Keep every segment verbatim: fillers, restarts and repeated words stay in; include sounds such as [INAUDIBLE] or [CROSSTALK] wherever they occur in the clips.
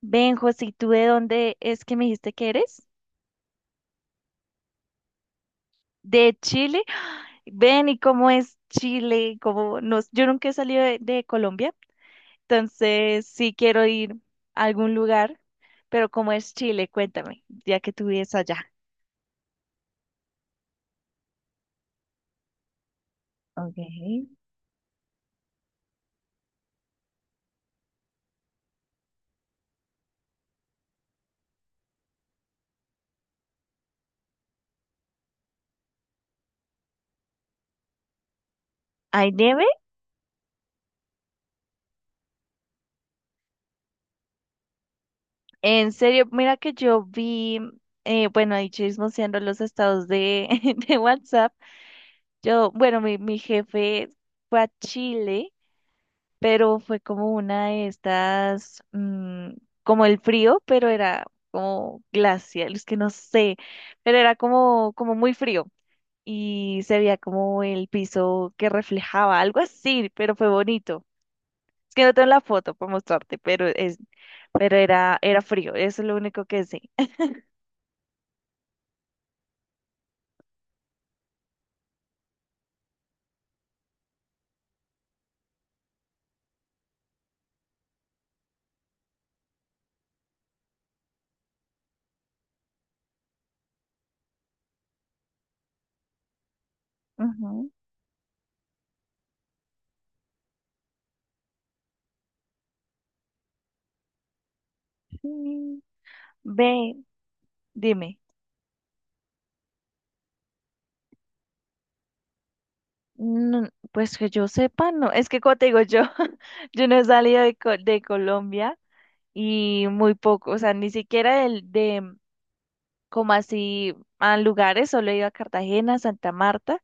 Benjo, si tú ¿de dónde es que me dijiste que eres? ¿De Chile? [GASPS] Ven, ¿y cómo es Chile? ¿Cómo nos... Yo nunca he salido de, de Colombia, entonces sí quiero ir a algún lugar, pero ¿cómo es Chile? Cuéntame, ya que tú vives allá. Okay. ¿Hay nieve? En serio, mira que yo vi, eh, bueno, ahí chismoseando los estados de, [LAUGHS] de WhatsApp. Yo, bueno, mi, mi jefe fue a Chile, pero fue como una de estas, mm, como el frío, pero era como glacial, es que no sé, pero era como, como muy frío y se veía como el piso que reflejaba, algo así, pero fue bonito. Es que no tengo la foto para mostrarte, pero es, pero era, era frío, eso es lo único que sé. Ujú. Sí. Ve, dime. No, pues que yo sepa, no. Es que como te digo yo, [LAUGHS] yo no he salido de, Co- de Colombia y muy poco, o sea, ni siquiera del- de, como así a lugares, solo he ido a Cartagena, Santa Marta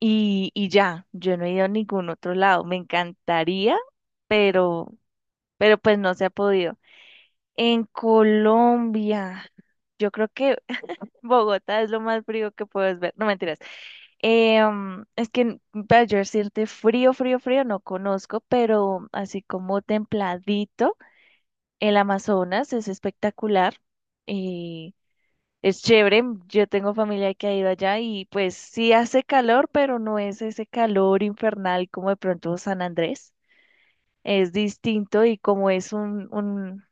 y, y ya, yo no he ido a ningún otro lado. Me encantaría, pero, pero pues no se ha podido. En Colombia, yo creo que [LAUGHS] Bogotá es lo más frío que puedes ver. No, mentiras. Em, es que para yo decirte frío, frío, frío, no conozco, pero así como templadito, el Amazonas es espectacular y es chévere. Yo tengo familia que ha ido allá y pues sí hace calor, pero no es ese calor infernal como de pronto San Andrés. Es distinto y como es un, un,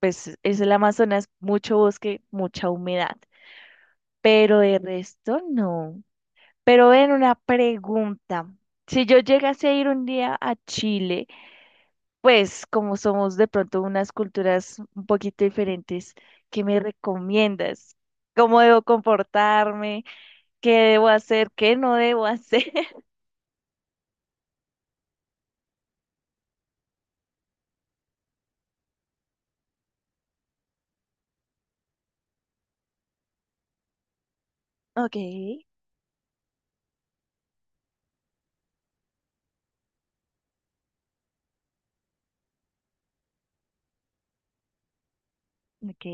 pues es el Amazonas, mucho bosque, mucha humedad, pero de resto no. Pero ven, una pregunta. Si yo llegase a ir un día a Chile, pues como somos de pronto unas culturas un poquito diferentes, ¿qué me recomiendas? ¿Cómo debo comportarme? ¿Qué debo hacer? ¿Qué no debo hacer? [LAUGHS] Ok, ok,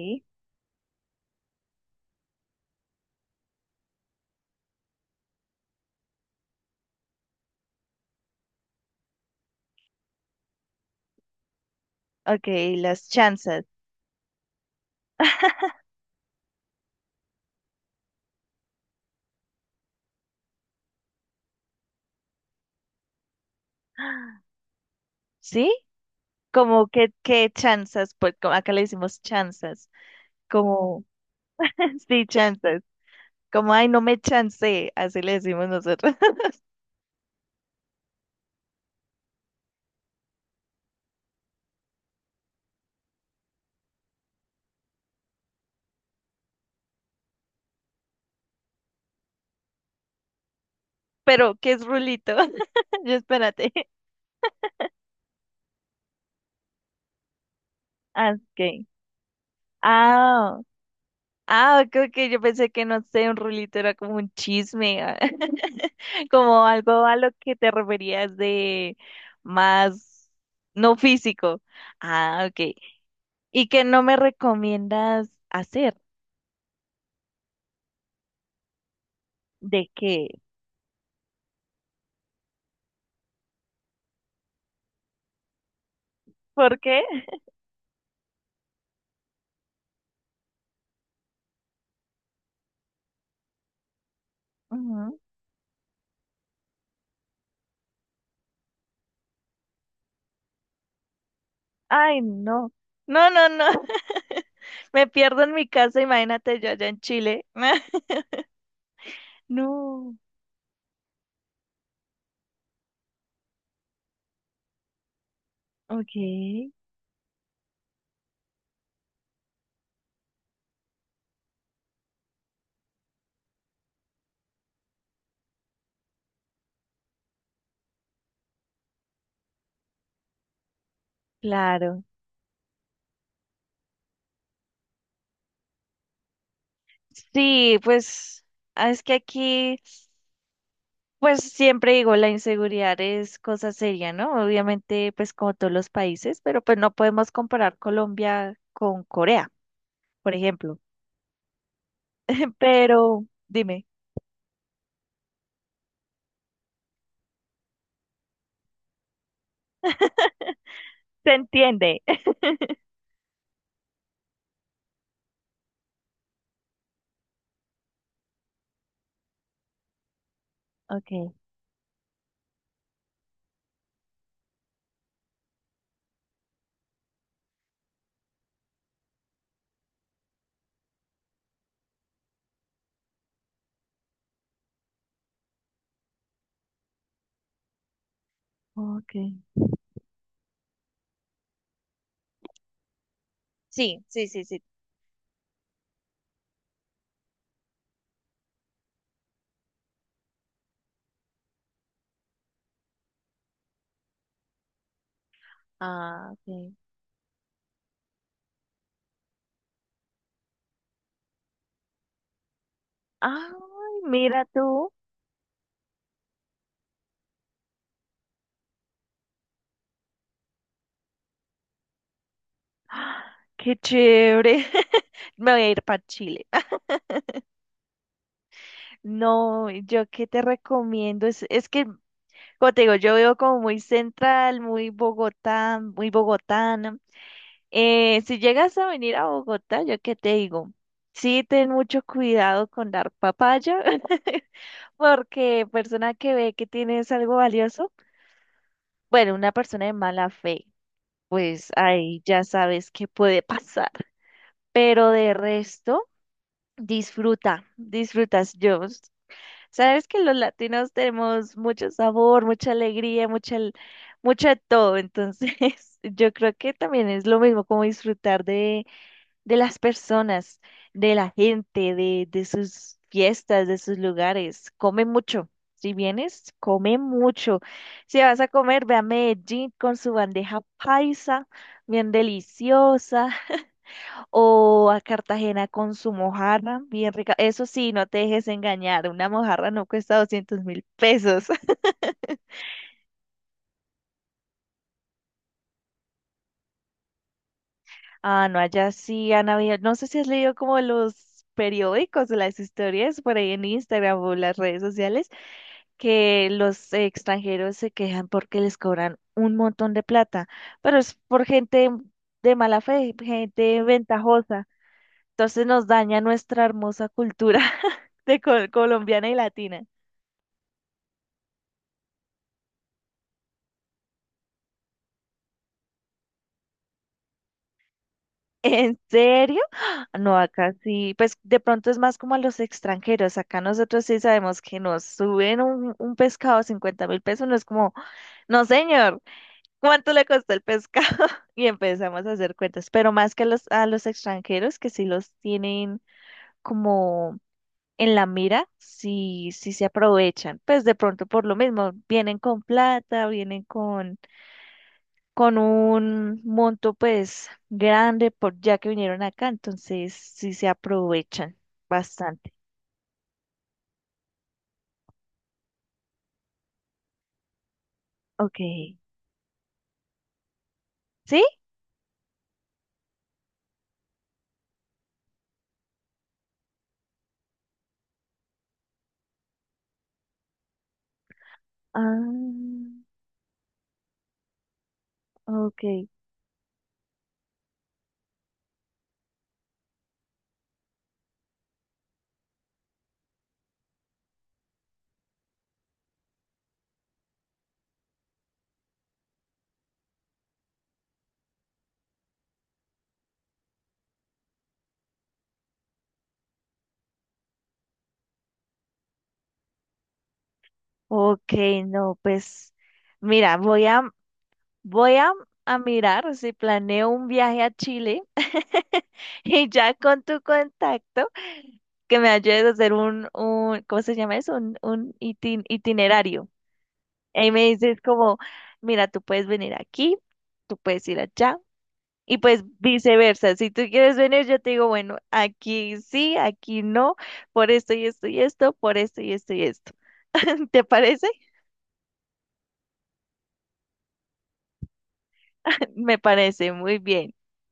ok, las chanzas. ¿Sí? Como que, qué chanzas, pues como acá le decimos chanzas, como, [LAUGHS] sí, chanzas, como, ay, no me chancé, así le decimos nosotros. Pero ¿qué es rulito? [LAUGHS] Yo espérate. Ah, ok. Ah, ah, ok, ok, yo pensé que no sé, un rulito era como un chisme, ah, [LAUGHS] como algo a lo que te referías de más, no físico. Ah, ok. ¿Y qué no me recomiendas hacer? ¿De qué? ¿Por qué? [LAUGHS] Ujú. Ay, no. No, no, no. [LAUGHS] Me pierdo en mi casa, imagínate yo allá en Chile. [LAUGHS] No. Ok, claro. Sí, pues ah, es que aquí, pues siempre digo, la inseguridad es cosa seria, ¿no? Obviamente, pues como todos los países, pero pues no podemos comparar Colombia con Corea, por ejemplo. Pero, dime, ¿se entiende? [LAUGHS] Ok, ok. Sí, sí, sí, sí. Ah, ok. Ay, mira tú. [GASPS] Ah, qué chévere. [LAUGHS] Me voy a ir para Chile. [LAUGHS] No, yo qué te recomiendo es, es que como te digo, yo veo como muy central, muy Bogotá, muy bogotana. Eh, si llegas a venir a Bogotá, yo qué te digo, sí ten mucho cuidado con dar papaya, [LAUGHS] porque persona que ve que tienes algo valioso, bueno, una persona de mala fe, pues ahí ya sabes qué puede [LAUGHS] pasar. Pero de resto, disfruta, disfrutas yo. Sabes que los latinos tenemos mucho sabor, mucha alegría, mucha, al- mucho de todo. Entonces, [LAUGHS] yo creo que también es lo mismo como disfrutar de, de las personas, de la gente, de, de sus fiestas, de sus lugares. Come mucho. Si vienes, come mucho. Si vas a comer, ve a Medellín con su bandeja paisa, bien deliciosa, o a Cartagena con su mojarra, bien rica. Eso sí, no te dejes engañar, una mojarra no cuesta doscientos mil pesos. [LAUGHS] Ah, no, allá sí han habido, no sé si has leído como los periódicos o las historias por ahí en Instagram o las redes sociales, que los extranjeros se quejan porque les cobran un montón de plata, pero es por gente de mala fe, gente ventajosa. Entonces nos daña nuestra hermosa cultura [LAUGHS] de col- colombiana y latina. ¿En serio? No, acá sí, pues de pronto es más como a los extranjeros. Acá nosotros sí sabemos que nos suben un, un pescado a cincuenta mil pesos. No es como, no señor, ¿cuánto le costó el pescado? [LAUGHS] Y empezamos a hacer cuentas, pero más que a los, a los extranjeros que sí los tienen como en la mira, sí, sí se aprovechan. Pues de pronto por lo mismo, vienen con plata, vienen con con un monto pues grande por ya que vinieron acá, entonces sí se aprovechan bastante. Ok. ¿Sí? Ah, ok. Ok, no, pues mira, voy a voy a, a mirar si planeo un viaje a Chile [LAUGHS] y ya con tu contacto que me ayudes a hacer un, un ¿cómo se llama eso? Un, un itin- itinerario. Y me dices como, mira, tú puedes venir aquí, tú puedes ir allá. Y pues viceversa, si tú quieres venir, yo te digo, bueno, aquí sí, aquí no, por esto y esto y esto, por esto y esto y esto. [LAUGHS] ¿Te parece? [LAUGHS] Me parece muy bien.